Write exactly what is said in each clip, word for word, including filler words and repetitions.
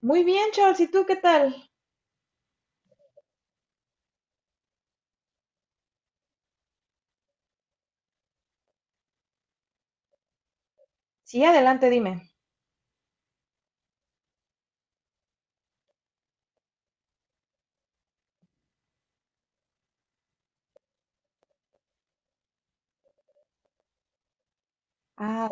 Muy bien, Charles, ¿y tú qué tal? Sí, adelante, dime. Ah,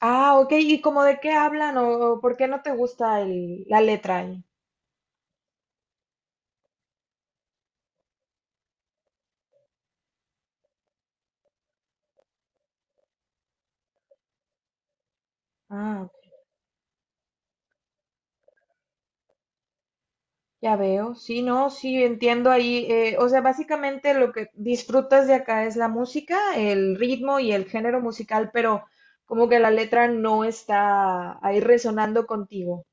ah, ok, ¿y cómo de qué hablan o por qué no te gusta el- la letra ahí? Ah, ok, ya veo, sí, no, sí, entiendo ahí. eh, o sea, básicamente lo que disfrutas de acá es la música, el ritmo y el género musical, pero como que la letra no está ahí resonando contigo.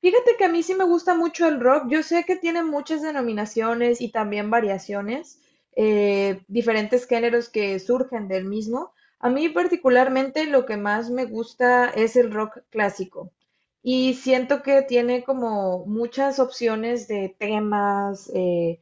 Fíjate que a mí sí me gusta mucho el rock. Yo sé que tiene muchas denominaciones y también variaciones, eh, diferentes géneros que surgen del mismo. A mí particularmente lo que más me gusta es el rock clásico. Y siento que tiene como muchas opciones de temas, eh,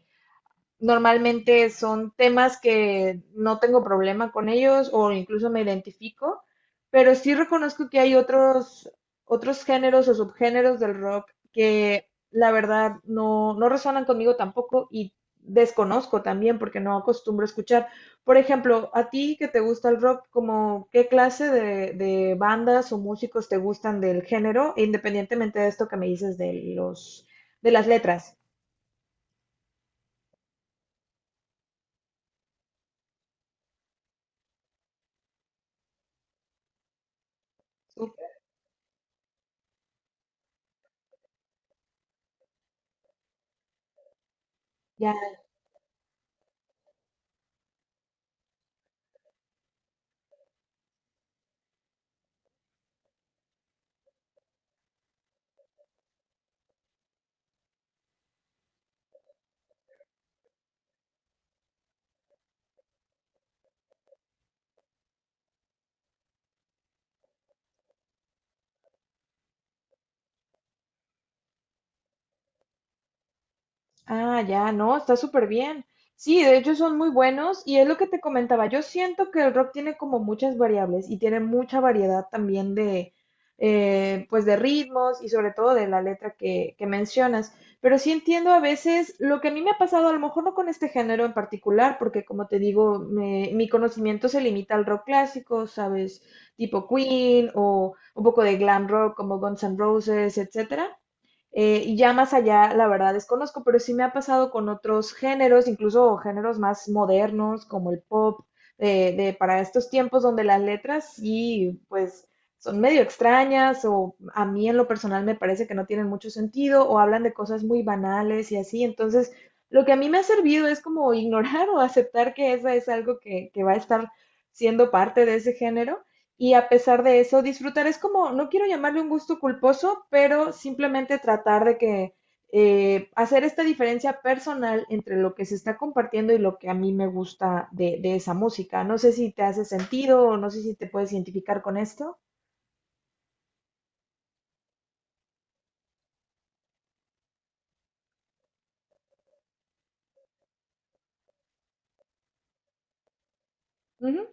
Normalmente son temas que no tengo problema con ellos o incluso me identifico, pero sí reconozco que hay otros, otros géneros o subgéneros del rock que la verdad no, no resonan conmigo tampoco y desconozco también porque no acostumbro a escuchar. Por ejemplo, a ti que te gusta el rock, como qué clase de, de bandas o músicos te gustan del género, independientemente de esto que me dices de los de las letras. Súper. Ya. Ah, ya, no, está súper bien. Sí, de hecho son muy buenos y es lo que te comentaba. Yo siento que el rock tiene como muchas variables y tiene mucha variedad también de, eh, pues de ritmos y sobre todo de la letra que, que mencionas. Pero sí entiendo a veces lo que a mí me ha pasado, a lo mejor no con este género en particular, porque como te digo, me- mi conocimiento se limita al rock clásico, ¿sabes? Tipo Queen o un poco de glam rock como Guns N' Roses, etcétera. Eh, y ya más allá, la verdad desconozco, pero sí me ha pasado con otros géneros, incluso géneros más modernos como el pop, de, de para estos tiempos donde las letras sí, pues son medio extrañas o a mí en lo personal me parece que no tienen mucho sentido o hablan de cosas muy banales y así. Entonces, lo que a mí me ha servido es como ignorar o aceptar que esa es algo que, que va a estar siendo parte de ese género y a pesar de eso, disfrutar es como, no quiero llamarle un gusto culposo, pero simplemente tratar de que eh, hacer esta diferencia personal entre lo que se está compartiendo y lo que a mí me gusta de, de esa música. No sé si te hace sentido o no sé si te puedes identificar con esto. Ujú.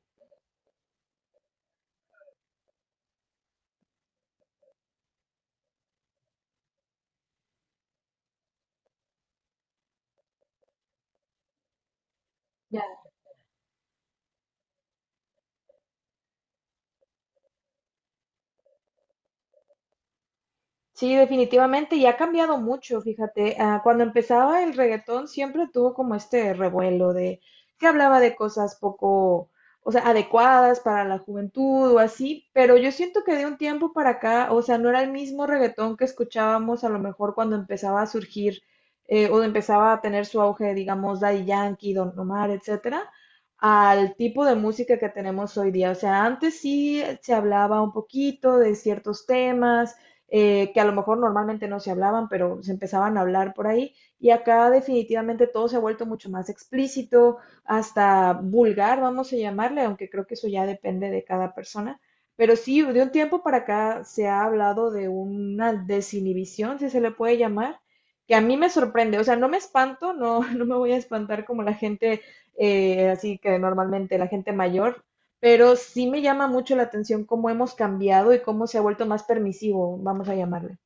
Sí, definitivamente, y ha cambiado mucho, fíjate. Ah, cuando empezaba el reggaetón siempre tuvo como este revuelo de que hablaba de cosas poco, o sea, adecuadas para la juventud o así, pero yo siento que de un tiempo para acá, o sea, no era el mismo reggaetón que escuchábamos a lo mejor cuando empezaba a surgir eh, o empezaba a tener su auge, digamos, Daddy Yankee, Don Omar, etcétera, al tipo de música que tenemos hoy día. O sea, antes sí se hablaba un poquito de ciertos temas, eh, que a lo mejor normalmente no se hablaban, pero se empezaban a hablar por ahí. Y acá definitivamente todo se ha vuelto mucho más explícito, hasta vulgar, vamos a llamarle, aunque creo que eso ya depende de cada persona. Pero sí, de un tiempo para acá se ha hablado de una desinhibición, si se le puede llamar, que a mí me sorprende. O sea, no me espanto, no, no me voy a espantar como la gente, eh, así que normalmente la gente mayor, pero sí me llama mucho la atención cómo hemos cambiado y cómo se ha vuelto más permisivo, vamos a llamarle.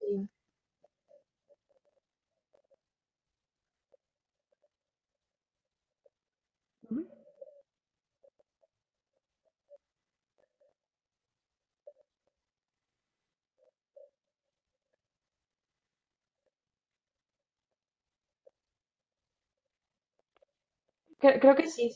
Sí. Ujú. Cre- Creo que sí.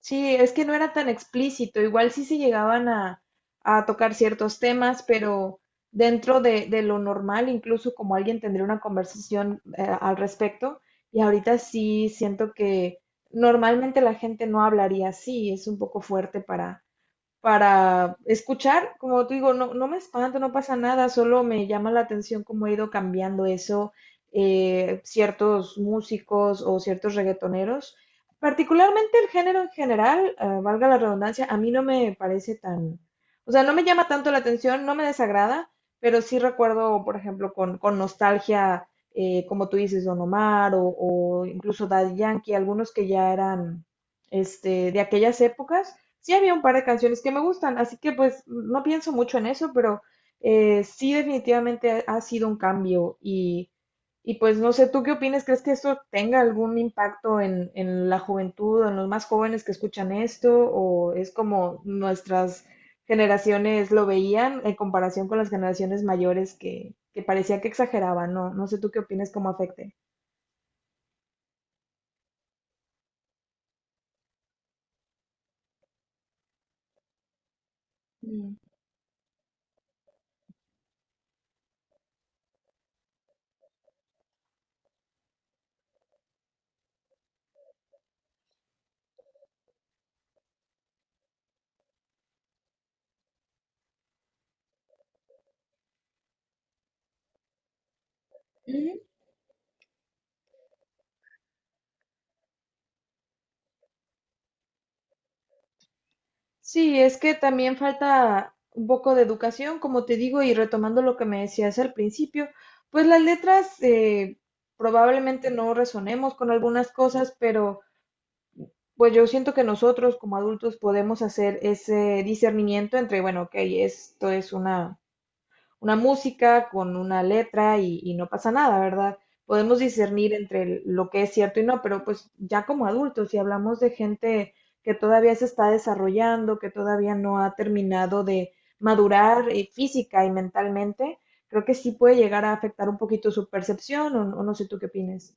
Sí, es que no era tan explícito. Igual sí se llegaban a, a tocar ciertos temas, pero dentro de, de lo normal, incluso como alguien tendría una conversación, eh, al respecto. Y ahorita sí siento que normalmente la gente no hablaría así. Es un poco fuerte para, para escuchar, como te digo, no, no me espanta, no pasa nada, solo me llama la atención cómo ha ido cambiando eso, eh, ciertos músicos o ciertos reggaetoneros. Particularmente el género en general, eh, valga la redundancia, a mí no me parece tan, o sea, no me llama tanto la atención, no me desagrada, pero sí recuerdo, por ejemplo, con, con nostalgia, eh, como tú dices, Don Omar o, o incluso Daddy Yankee, algunos que ya eran, este, de aquellas épocas sí había un par de canciones que me gustan, así que pues no pienso mucho en eso, pero eh, sí definitivamente ha ha sido un cambio, y, y pues no sé, ¿tú qué opinas? ¿Crees que esto tenga algún impacto en, en la juventud, en los más jóvenes que escuchan esto? ¿O es como nuestras generaciones lo veían en comparación con las generaciones mayores que, que parecía que exageraban? No, no sé, ¿tú qué opinas? ¿Cómo afecte? Mm. Sí, es que también falta un poco de educación, como te digo, y retomando lo que me decías al principio, pues las letras, eh, probablemente no resonemos con algunas cosas, pero pues yo siento que nosotros como adultos podemos hacer ese discernimiento entre, bueno, ok, esto es una una música con una letra, y, y no pasa nada, ¿verdad? Podemos discernir entre el- lo que es cierto y no, pero pues ya como adultos, si hablamos de gente que todavía se está desarrollando, que todavía no ha terminado de madurar, eh, física y mentalmente, creo que sí puede llegar a afectar un poquito su percepción, o, o no sé tú qué opinas.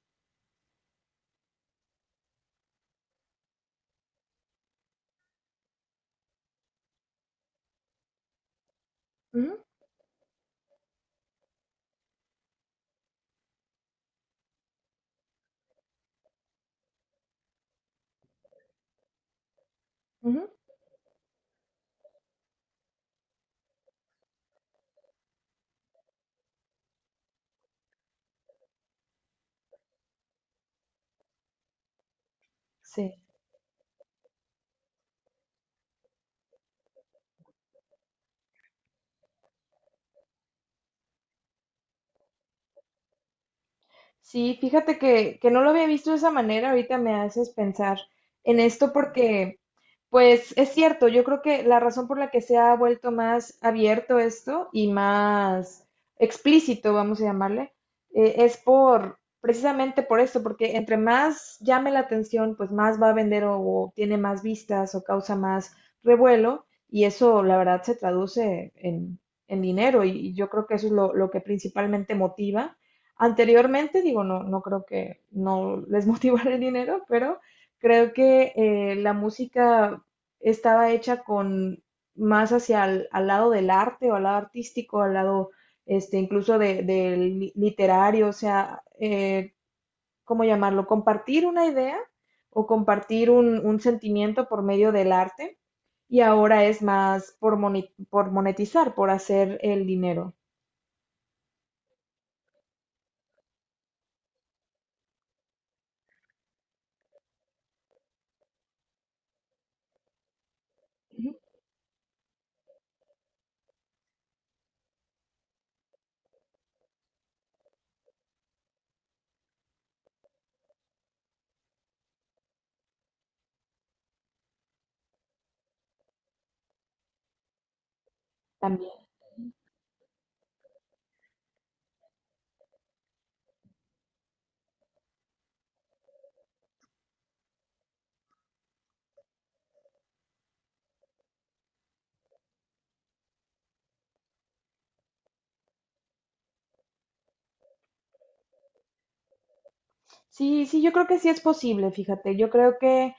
Ujú, ujú, sí. Sí, fíjate que, que no lo había visto de esa manera, ahorita me haces pensar en esto porque, pues es cierto, yo creo que la razón por la que se ha vuelto más abierto esto y más explícito, vamos a llamarle, eh, es por, precisamente por esto, porque entre más llame la atención, pues más va a vender, o, o tiene más vistas o causa más revuelo y eso la verdad se traduce en, en dinero, y, y yo creo que eso es lo, lo que principalmente motiva. Anteriormente, digo, no, no creo que no les motivara el dinero, pero creo que eh, la música estaba hecha con más hacia el, al lado del arte o al lado artístico, al lado, este, incluso de- del li- literario, o sea, eh, ¿cómo llamarlo? Compartir una idea o compartir un, un sentimiento por medio del arte y ahora es más por, moni- por monetizar, por hacer el dinero también. Sí, sí, yo creo que sí es posible, fíjate. Yo creo que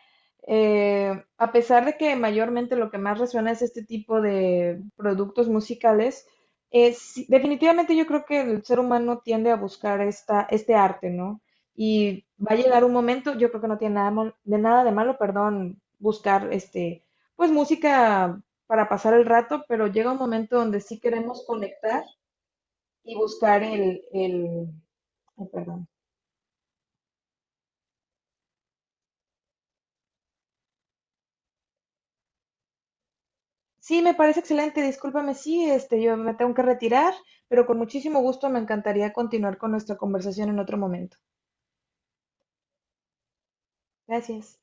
eh, a pesar de que mayormente lo que más resuena es este tipo de productos musicales, es, sí, definitivamente yo creo que el ser humano tiende a buscar esta, este arte, ¿no? Y va a llegar un momento, yo creo que no tiene nada mal- de nada de malo, perdón, buscar, este, pues música para pasar el rato, pero llega un momento donde sí queremos conectar y buscar el, el, ay, perdón. Sí, me parece excelente. Discúlpame, sí, este, yo me tengo que retirar, pero con muchísimo gusto me encantaría continuar con nuestra conversación en otro momento. Gracias.